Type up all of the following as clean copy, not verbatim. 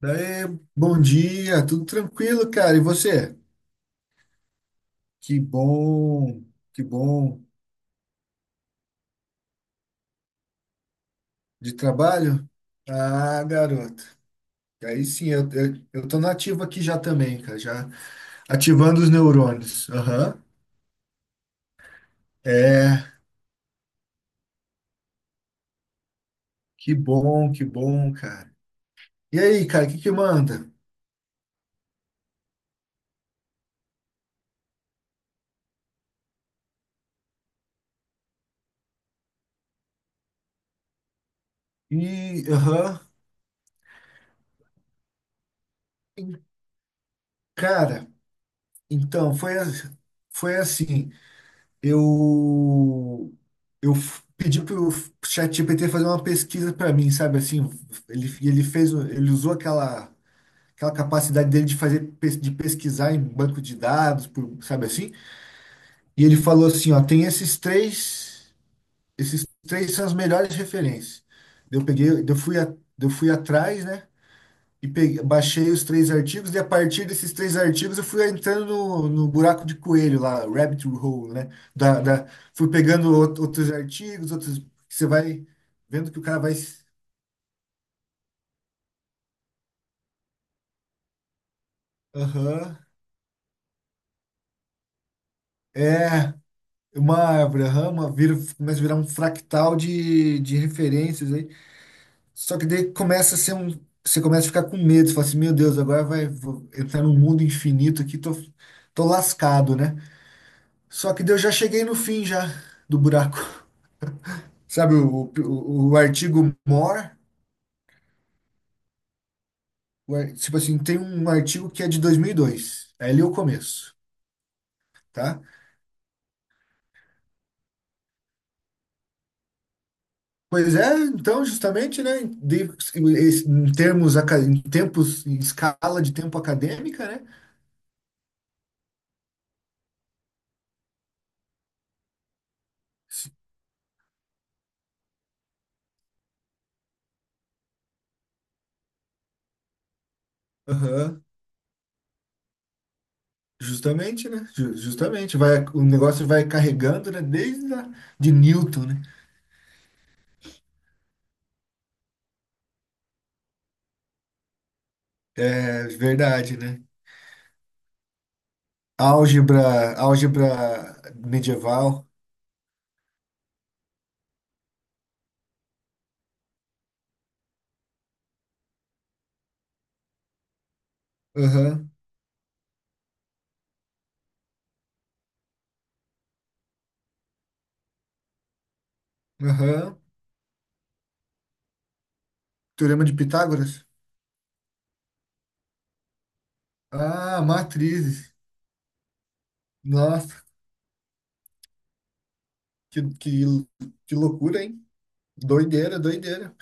Daí, bom dia, tudo tranquilo, cara? E você? Que bom, que bom de trabalho? Ah, garoto. Aí sim, eu tô nativo aqui já também, cara, já ativando os neurônios. Aham. É, que bom, cara. E aí, cara, o que que manda? E, aham. Cara, então, foi assim. eu eu pedi pro ChatGPT fazer uma pesquisa para mim, sabe assim. Ele fez, ele usou aquela capacidade dele de fazer de pesquisar em banco de dados, sabe assim? E ele falou assim, ó, tem esses três são as melhores referências. Eu peguei, eu fui atrás, né? E peguei, baixei os três artigos, e a partir desses três artigos eu fui entrando no buraco de coelho lá, rabbit hole, né? Da, da, fui pegando outros artigos, outros. Você vai vendo que o cara vai. Aham. É. Uma árvore, aham, uma vira, começa a virar um fractal de referências aí. Só que daí começa a ser um. Você começa a ficar com medo, você fala assim, meu Deus, agora vai vou entrar num mundo infinito aqui, tô lascado, né? Só que daí eu já cheguei no fim já do buraco. Sabe o artigo more, tipo assim, tem um artigo que é de 2002 é ali o começo, tá? Pois é, então, justamente, né, em em tempos, em escala de tempo acadêmica, né? Aham. Justamente, né? Justamente, vai, o negócio vai carregando, né? De Newton, né? É verdade, né? Álgebra, álgebra medieval. Aham, aham. Teorema de Pitágoras. Ah, matrizes. Nossa, que, que, que loucura, hein? Doideira, doideira.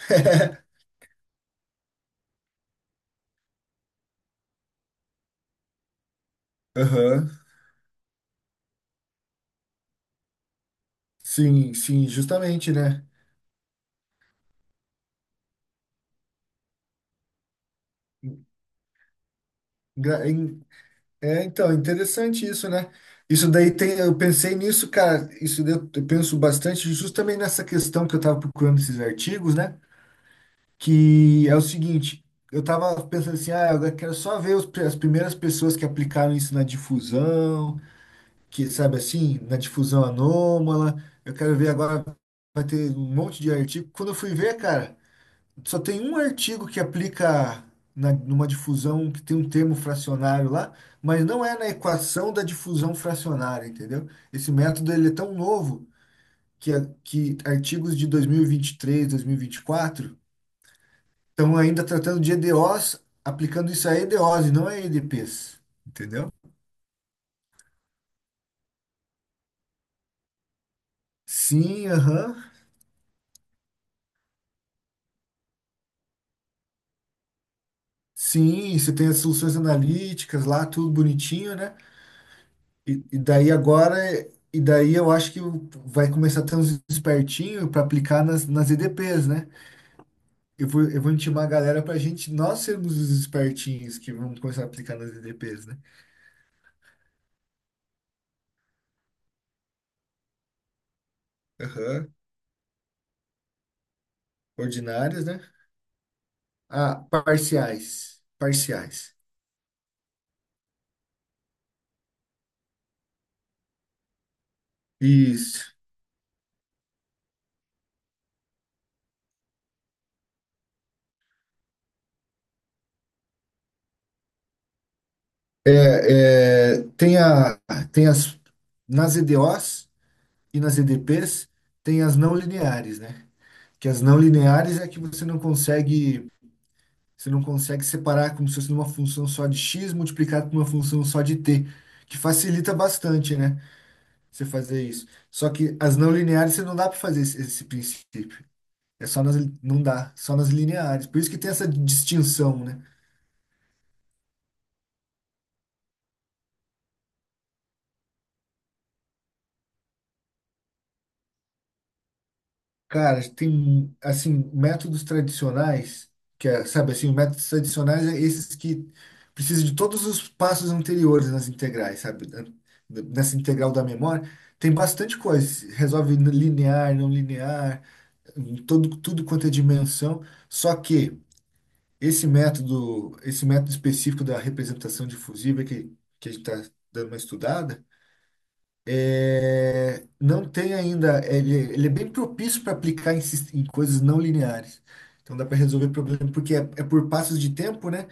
Aham. Sim, sim, justamente, né? Gra- em- É, então, interessante isso, né? Isso daí tem, eu pensei nisso, cara, isso daí eu penso bastante justamente nessa questão que eu tava procurando esses artigos, né? Que é o seguinte, eu tava pensando assim, ah, eu quero só ver as primeiras pessoas que aplicaram isso na difusão, que, sabe assim, na difusão anômala. Eu quero ver agora, vai ter um monte de artigo. Quando eu fui ver, cara, só tem um artigo que aplica numa difusão que tem um termo fracionário lá, mas não é na equação da difusão fracionária, entendeu? Esse método ele é tão novo que, que artigos de 2023, 2024 estão ainda tratando de EDOs, aplicando isso a EDOs e não a EDPs, entendeu? Sim, aham. Sim, você tem as soluções analíticas lá, tudo bonitinho, né? E, e daí agora, e daí eu acho que vai começar a ter uns espertinhos para aplicar nas EDPs, né? Eu vou intimar a galera para a gente, nós sermos os espertinhos que vamos começar a aplicar nas EDPs, né? Aham. Ordinárias, né? Ah, parciais. Parciais. Isso. Tem as, nas EDOs e nas EDPs, tem as não lineares, né? Que as não lineares é que você não consegue separar como se fosse uma função só de x multiplicado por uma função só de t, que facilita bastante, né? Você fazer isso. Só que as não lineares você não dá para fazer esse princípio. É só nas, não dá, só nas lineares. Por isso que tem essa distinção, né? Cara, tem, assim, métodos tradicionais, que é, sabe assim, métodos tradicionais é esses que precisam de todos os passos anteriores nas integrais, sabe? Nessa integral da memória, tem bastante coisa. Resolve linear, não linear, em todo, tudo quanto é dimensão. Só que esse método específico da representação difusiva que a gente está dando uma estudada, é, não tem ainda. Ele é bem propício para aplicar em coisas não lineares. Então dá para resolver problema, porque é por passos de tempo, né?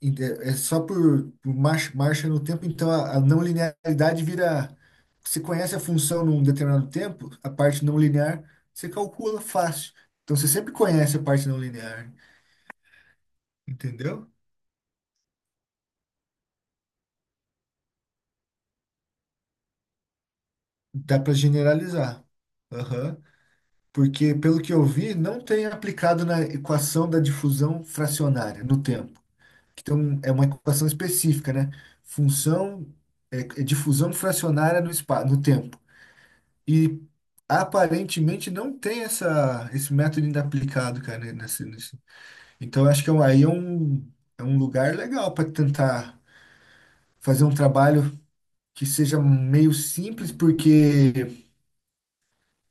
É só por marcha no tempo. Então a não linearidade vira. Você conhece a função num determinado tempo, a parte não linear, você calcula fácil. Então você sempre conhece a parte não linear, entendeu? Dá para generalizar. Aham. Porque, pelo que eu vi, não tem aplicado na equação da difusão fracionária no tempo. Então, é uma equação específica, né? Função é difusão fracionária no espaço, no tempo. E aparentemente não tem esse método ainda aplicado, cara, nesse. Então, eu acho que é aí é é um lugar legal para tentar fazer um trabalho que seja meio simples, porque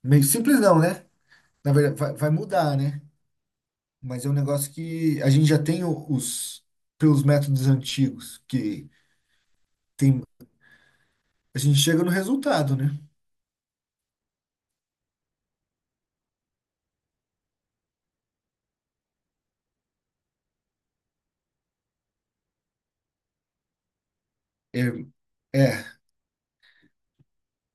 meio simples não, né? Na verdade, vai mudar, né? Mas é um negócio que a gente já tem os pelos métodos antigos, que tem, a gente chega no resultado, né? É, é,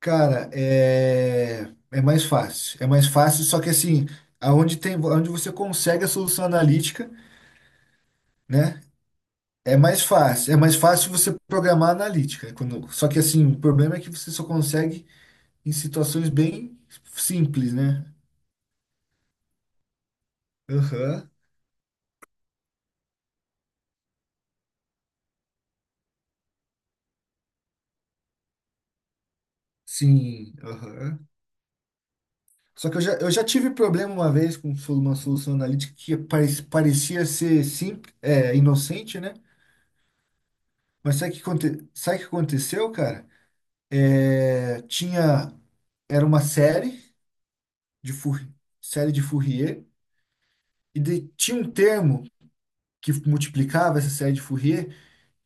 cara, é mais fácil. É mais fácil, só que assim, aonde você consegue a solução analítica, né? É mais fácil. É mais fácil você programar analítica. Só que assim, o problema é que você só consegue em situações bem simples, né? Aham. Sim, aham. Só que eu já tive problema uma vez com uma solução analítica que parecia ser simples, é, inocente, né? Mas sabe o que aconteceu, cara? É, era uma de, Four- série de Fourier e tinha um termo que multiplicava essa série de Fourier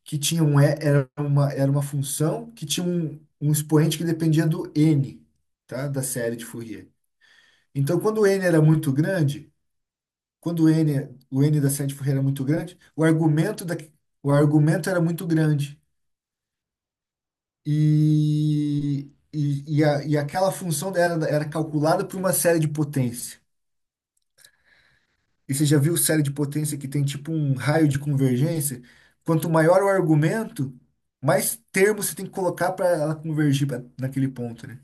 que tinha era uma função que tinha um expoente que dependia do n, tá? Da série de Fourier. Então, quando o n era muito grande, quando o N da Sede Ferreira era muito grande, o argumento era muito grande. E aquela função era calculada por uma série de potência. E você já viu série de potência que tem tipo um raio de convergência? Quanto maior o argumento, mais termos você tem que colocar para ela convergir naquele ponto, né?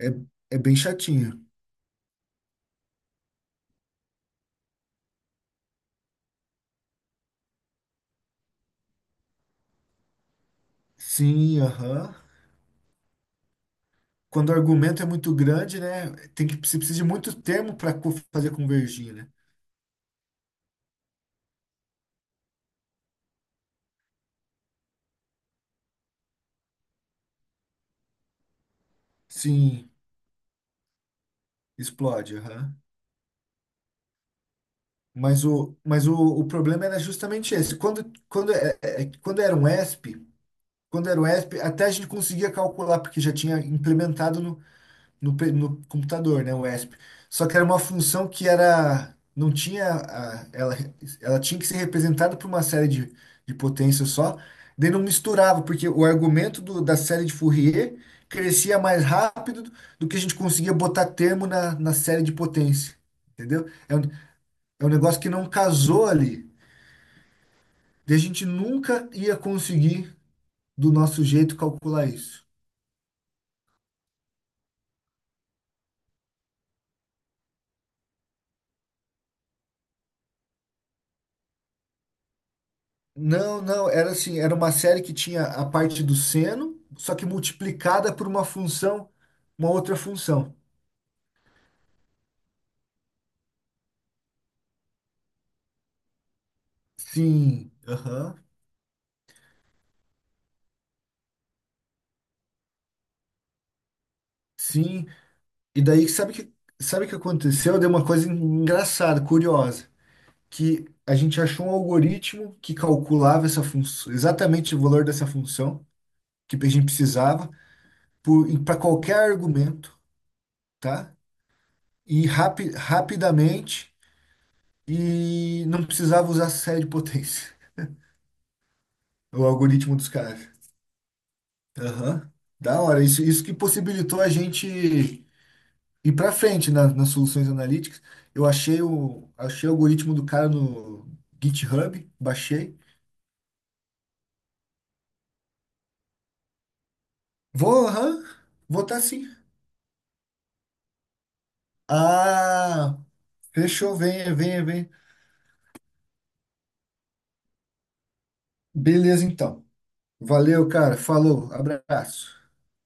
É, é bem chatinho. Sim, aham. Quando o argumento é muito grande, né? Você precisa de muito termo para fazer convergir, né? Sim, explode, aham. Mas o problema era justamente esse. Quando, quando, é- é- é, quando era um ESP, quando era um ESP, até a gente conseguia calcular, porque já tinha implementado no computador, né, o ESP. Só que era uma função que era, não tinha, a- ela tinha que ser representada por uma série de potências só, daí não misturava, porque o argumento da série de Fourier crescia mais rápido do que a gente conseguia botar termo na série de potência, entendeu? É um negócio que não casou ali, daí a gente nunca ia conseguir, do nosso jeito, calcular isso. Não, não, era assim, era uma série que tinha a parte do seno, só que multiplicada por uma função, uma outra função. Sim, aham, sim. E daí, sabe o que aconteceu? Deu uma coisa engraçada, curiosa, que a gente achou um algoritmo que calculava essa função, exatamente o valor dessa função que a gente precisava para qualquer argumento, tá? E rapidamente, e não precisava usar série de potência. O algoritmo dos caras. Aham. Da hora. Isso que possibilitou a gente ir para frente nas soluções analíticas. Achei o algoritmo do cara no GitHub, baixei. Vou, aham, vou tá sim. Ah, fechou. Venha, venha, venha. Beleza, então. Valeu, cara. Falou. Abraço.